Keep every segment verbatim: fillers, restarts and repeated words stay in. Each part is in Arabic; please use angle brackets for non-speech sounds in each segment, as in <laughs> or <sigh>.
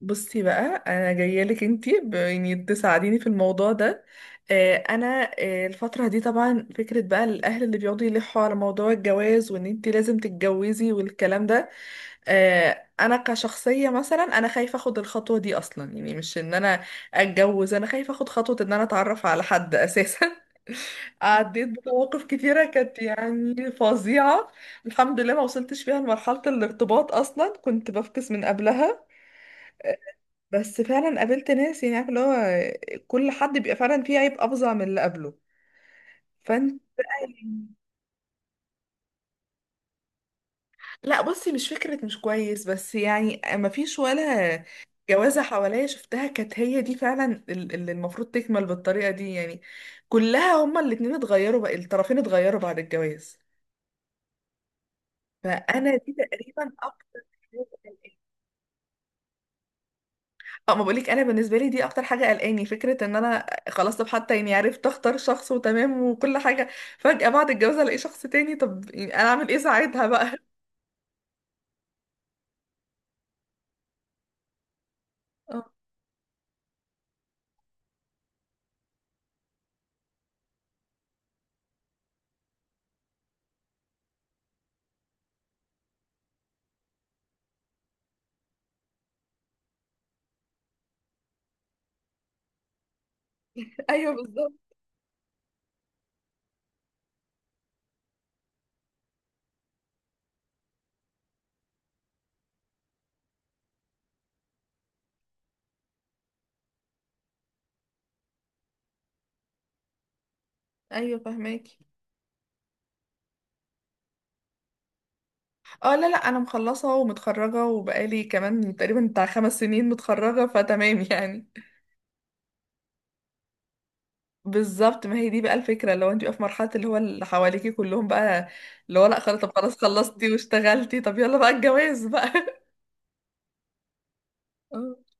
بصي بقى، انا جايه لك انتي ب- يعني تساعديني في الموضوع ده. آه، انا، آه، الفتره دي طبعا فكره بقى الاهل اللي بيقعدوا يلحوا على موضوع الجواز وان انتي لازم تتجوزي والكلام ده. آه، انا كشخصيه مثلا انا خايفه اخد الخطوه دي اصلا، يعني مش ان انا اتجوز، انا خايفه اخد خطوه ان انا اتعرف على حد اساسا. <laughs> عديت بمواقف كتيره كانت يعني فظيعه. الحمد لله ما وصلتش فيها لمرحله الارتباط، اصلا كنت بفكس من قبلها. آه، بس فعلا قابلت ناس، يعني عارف اللي هو كل حد بيبقى فعلا فيه عيب افظع من اللي قبله. فانت. لا بصي، مش فكرة مش كويس، بس يعني ما فيش ولا جوازة حواليا شفتها كانت هي دي فعلا ال- اللي المفروض تكمل بالطريقة دي، يعني كلها. هما الاتنين اتغيروا بقى، الطرفين اتغيروا بعد الجواز. فأنا دي تقريبا أكتر حاجة. اه، ما بقولك، انا بالنسبه لي دي اكتر حاجه قلقاني، فكره ان انا خلاص طب حتى يعني عرفت اختار شخص وتمام وكل حاجه، فجاه بعد الجواز الاقي شخص تاني. طب يعني انا اعمل ايه ساعتها بقى؟ اه. <laughs> ايوه بالظبط. ايوه فهماكي. اه، لا لا، انا مخلصه ومتخرجه وبقالي كمان تقريبا بتاع خمس سنين متخرجه، فتمام يعني. بالظبط، ما هي دي بقى الفكره، لو انت بقى في مرحله اللي هو اللي حواليكي كلهم بقى اللي هو لا خلاص، طب خلاص خلصتي واشتغلتي، طب يلا بقى الجواز بقى. <laughs>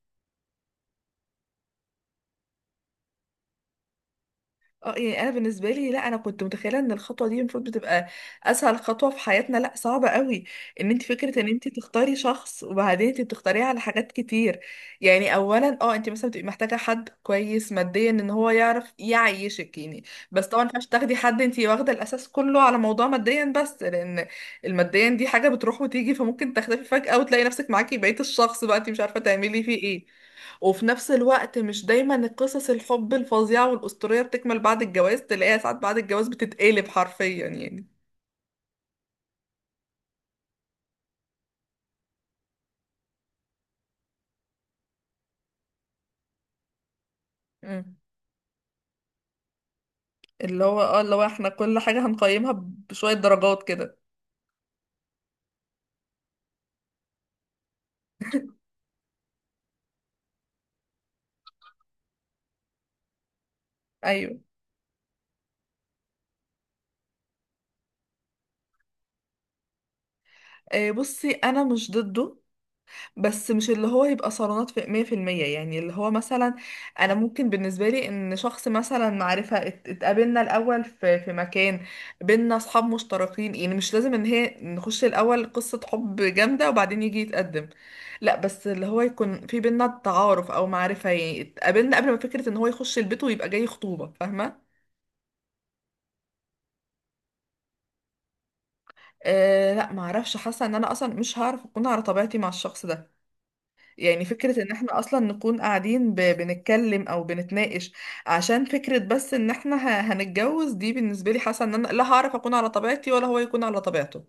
اه، يعني انا بالنسبه لي، لا انا كنت متخيله ان الخطوه دي المفروض بتبقى اسهل خطوه في حياتنا، لا صعبه قوي. ان انت فكره ان انت تختاري شخص، وبعدين انت بتختاريه على حاجات كتير. يعني اولا اه انت مثلا بتبقي محتاجه حد كويس ماديا، ان هو يعرف يعيشك يعني. بس طبعا مش تاخدي حد انت واخده الاساس كله على موضوع ماديا بس، لان الماديا دي حاجه بتروح وتيجي، فممكن تختفي فجاه وتلاقي نفسك معاكي بقيه الشخص بقى انت مش عارفه تعملي فيه ايه. وفي نفس الوقت مش دايما القصص الحب الفظيعة والأسطورية بتكمل بعد الجواز، تلاقيها ساعات بعد الجواز بتتقلب حرفيا يعني. مم. اللي هو اه اللي هو احنا كل حاجة هنقيمها بشوية درجات كده. ايوه. آه بصي، انا مش ضده، بس مش اللي هو يبقى صالونات في مية في المية، يعني اللي هو مثلا أنا ممكن بالنسبة لي إن شخص مثلا معرفة ات- اتقابلنا الأول في في مكان بينا أصحاب مشتركين، يعني مش لازم إن هي نخش الأول قصة حب جامدة وبعدين يجي يتقدم، لا بس اللي هو يكون في بينا تعارف أو معرفة، يعني اتقابلنا قبل ما فكرة إن هو يخش البيت ويبقى جاي خطوبة، فاهمة؟ أه لا، معرفش، حاسة إن أنا أصلا مش هعرف أكون على طبيعتي مع الشخص ده. يعني فكرة ان احنا اصلا نكون قاعدين ب... بنتكلم او بنتناقش عشان فكرة بس ان احنا ه... هنتجوز، دي بالنسبة لي حاسة ان انا لا هعرف اكون على طبيعتي ولا هو يكون على طبيعته.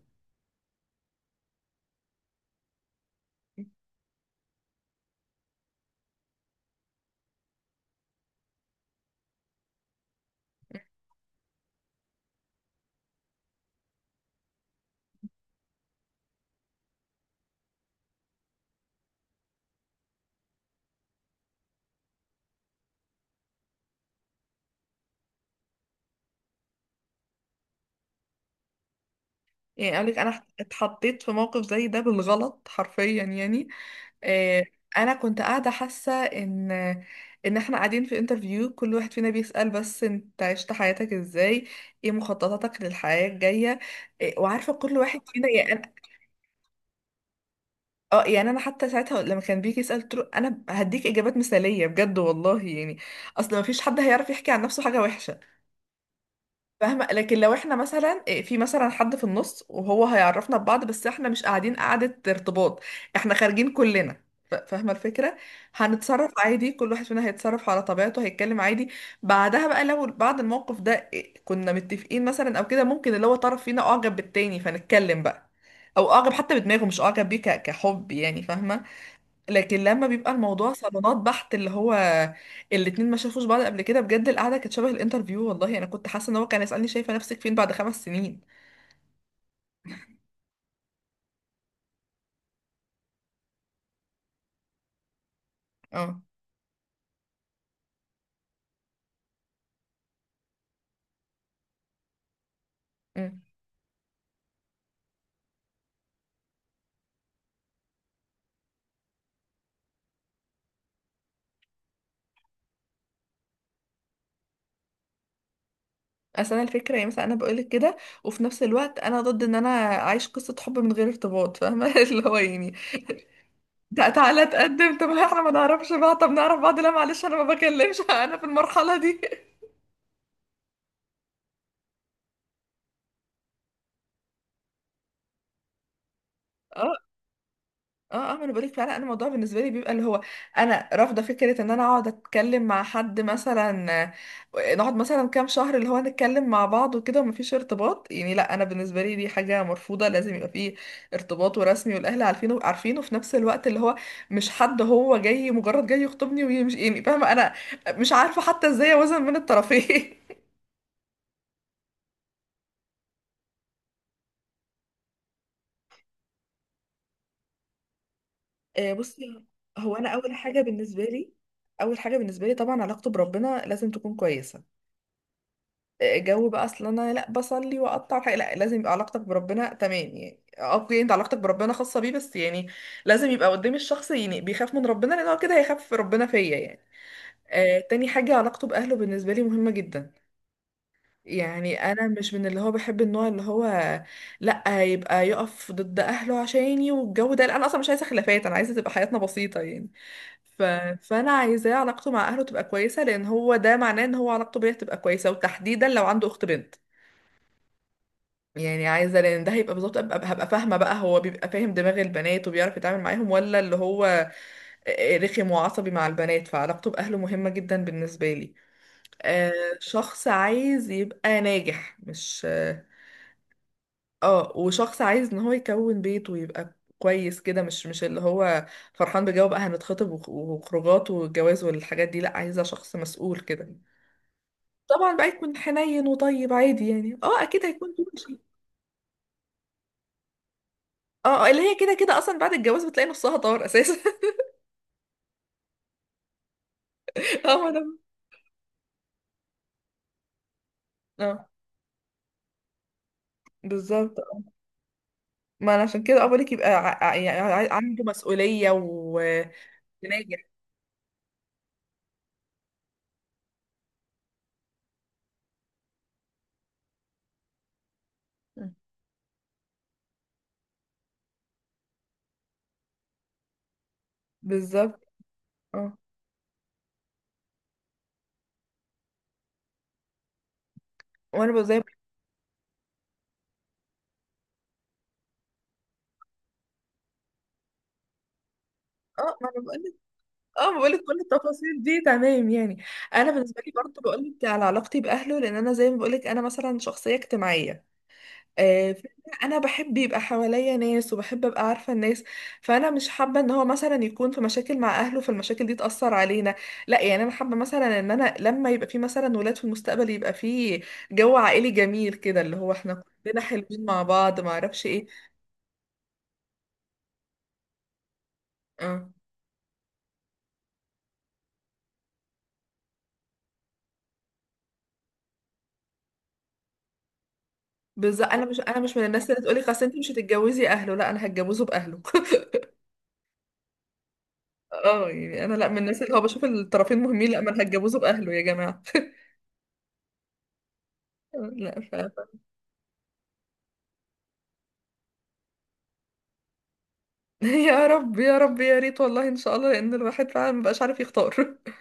يعني اقول لك، انا اتحطيت في موقف زي ده بالغلط حرفيا يعني. آه. انا كنت قاعده حاسه ان ان احنا قاعدين في انترفيو، كل واحد فينا بيسأل بس انت عشت حياتك ازاي، ايه مخططاتك للحياه الجايه، إيه، وعارفه كل واحد فينا يعني. اه يعني انا حتى ساعتها لما كان بيجي يسال قلت له انا هديك اجابات مثاليه بجد والله، يعني اصل ما فيش حد هيعرف يحكي عن نفسه حاجه وحشه. فاهمه، لكن لو احنا مثلا إيه، في مثلا حد في النص وهو هيعرفنا ببعض، بس احنا مش قاعدين قعده ارتباط، احنا خارجين كلنا، ف- فاهمه الفكره. هنتصرف عادي، كل واحد فينا هيتصرف على طبيعته، هيتكلم عادي. بعدها بقى لو بعد الموقف ده إيه، كنا متفقين مثلا او كده، ممكن اللي هو طرف فينا اعجب بالتاني، فنتكلم بقى، او اعجب حتى بدماغه مش اعجب بيه ك- كحب يعني، فاهمه. لكن لما بيبقى الموضوع صالونات بحت، اللي هو الاتنين ما شافوش بعض قبل كده، بجد القعده كانت شبه الانترفيو، والله انا كنت حاسه ان هو كان يسالني شايفه نفسك فين بعد خمس سنين. اه. امم. اصل انا الفكره يعني مثلا انا بقولك كده وفي نفس الوقت انا ضد ان انا اعيش قصه حب من غير ارتباط، فاهمه؟ <laughs> اللي هو يعني ده تعالى تقدم، طب احنا ما نعرفش بعض، طب نعرف بعض، لا معلش انا ما بكلمش، <laughs> انا في المرحله دي. <laughs> اه اه ما انا بقولك فعلا، انا الموضوع بالنسبه لي بيبقى اللي هو انا رافضه فكره ان انا اقعد اتكلم مع حد مثلا، آه، نقعد مثلا كام شهر اللي هو نتكلم مع بعض وكده ومفيش ارتباط، يعني لا، انا بالنسبه لي دي حاجه مرفوضه، لازم يبقى فيه ارتباط ورسمي والاهل عارفينه، عارفينه في نفس الوقت اللي هو مش حد هو جاي مجرد جاي يخطبني ويمشي، يعني فاهمه. انا مش عارفه حتى ازاي اوازن بين الطرفين. <laughs> آه، بصي، هو انا اول حاجه بالنسبه لي، اول حاجه بالنسبه لي طبعا علاقته بربنا لازم تكون كويسه. جو بقى اصل انا لا بصلي واقطع حاجة، لا لازم يبقى علاقتك بربنا تمام يعني، اوكي انت علاقتك بربنا خاصة بيه بس، يعني لازم يبقى قدام الشخص يعني بيخاف من ربنا، لان هو كده هيخاف ربنا فيا يعني. آه، تاني حاجة علاقته بأهله بالنسبة لي مهمة جدا. يعني انا مش من اللي هو بحب النوع اللي هو لا يبقى يقف ضد اهله عشاني والجو ده، لا انا اصلا مش عايزة خلافات، انا عايزة تبقى حياتنا بسيطة يعني. ف... فانا عايزاه علاقته مع اهله تبقى كويسة، لان هو ده معناه ان هو علاقته بيا تبقى كويسة، وتحديدا لو عنده اخت بنت، يعني عايزه لان ده هيبقى بالظبط أبقى- هبقى فاهمه بقى هو بيبقى فاهم دماغ البنات وبيعرف يتعامل معاهم، ولا اللي هو رخم وعصبي مع البنات. فعلاقته باهله مهمه جدا بالنسبه لي. آه. شخص عايز يبقى ناجح، مش اه. آه، وشخص عايز ان هو يكون بيت ويبقى كويس كده، مش مش اللي هو فرحان بجو بقى هنتخطب وخ- وخروجات والجواز والحاجات دي، لا عايزه شخص مسؤول كده. طبعا بقى يكون حنين وطيب عادي، يعني اه اكيد هيكون. اه، آه، اللي هي كده كده اصلا بعد الجواز بتلاقي نصها طار اساسا. <laughs> اه ما دام. اه. بالظبط آه. ما انا عشان كده اه بقولك يبقى ع- ع- يعني ع- عنده مسؤوليه وناجح. بالظبط. اه. وانا بقول زي ما- اه ما انا بقول لك، اه بقول لك كل التفاصيل دي تمام يعني. انا بالنسبه لي برضه بقول لك على علاقتي باهله، لان انا زي ما بقول لك انا مثلا شخصيه اجتماعيه، آه، فأنا- انا بحب يبقى حواليا ناس وبحب ابقى عارفه الناس. فانا مش حابه ان هو مثلا يكون في مشاكل مع اهله فالمشاكل دي تاثر علينا، لا يعني انا حابه مثلا ان انا لما يبقى في مثلا ولاد في المستقبل يبقى في جو عائلي جميل كده اللي هو احنا كلنا حلوين مع بعض، ما اعرفش ايه. اه. بالظبط، انا مش انا مش من الناس اللي تقولي خلاص انت مش هتتجوزي اهله، لا انا هتجوزه باهله. <laughs> اه، يعني انا لا من الناس اللي هو بشوف الطرفين مهمين، لا ما انا هتجوزه باهله يا جماعه. <laughs> لا. <laughs> يا رب يا رب، يا ريت والله ان شاء الله، لان الواحد فعلا مبقاش عارف يختار. <laughs>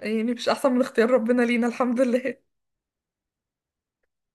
يعني مش احسن من اختيار ربنا لينا؟ الحمد لله.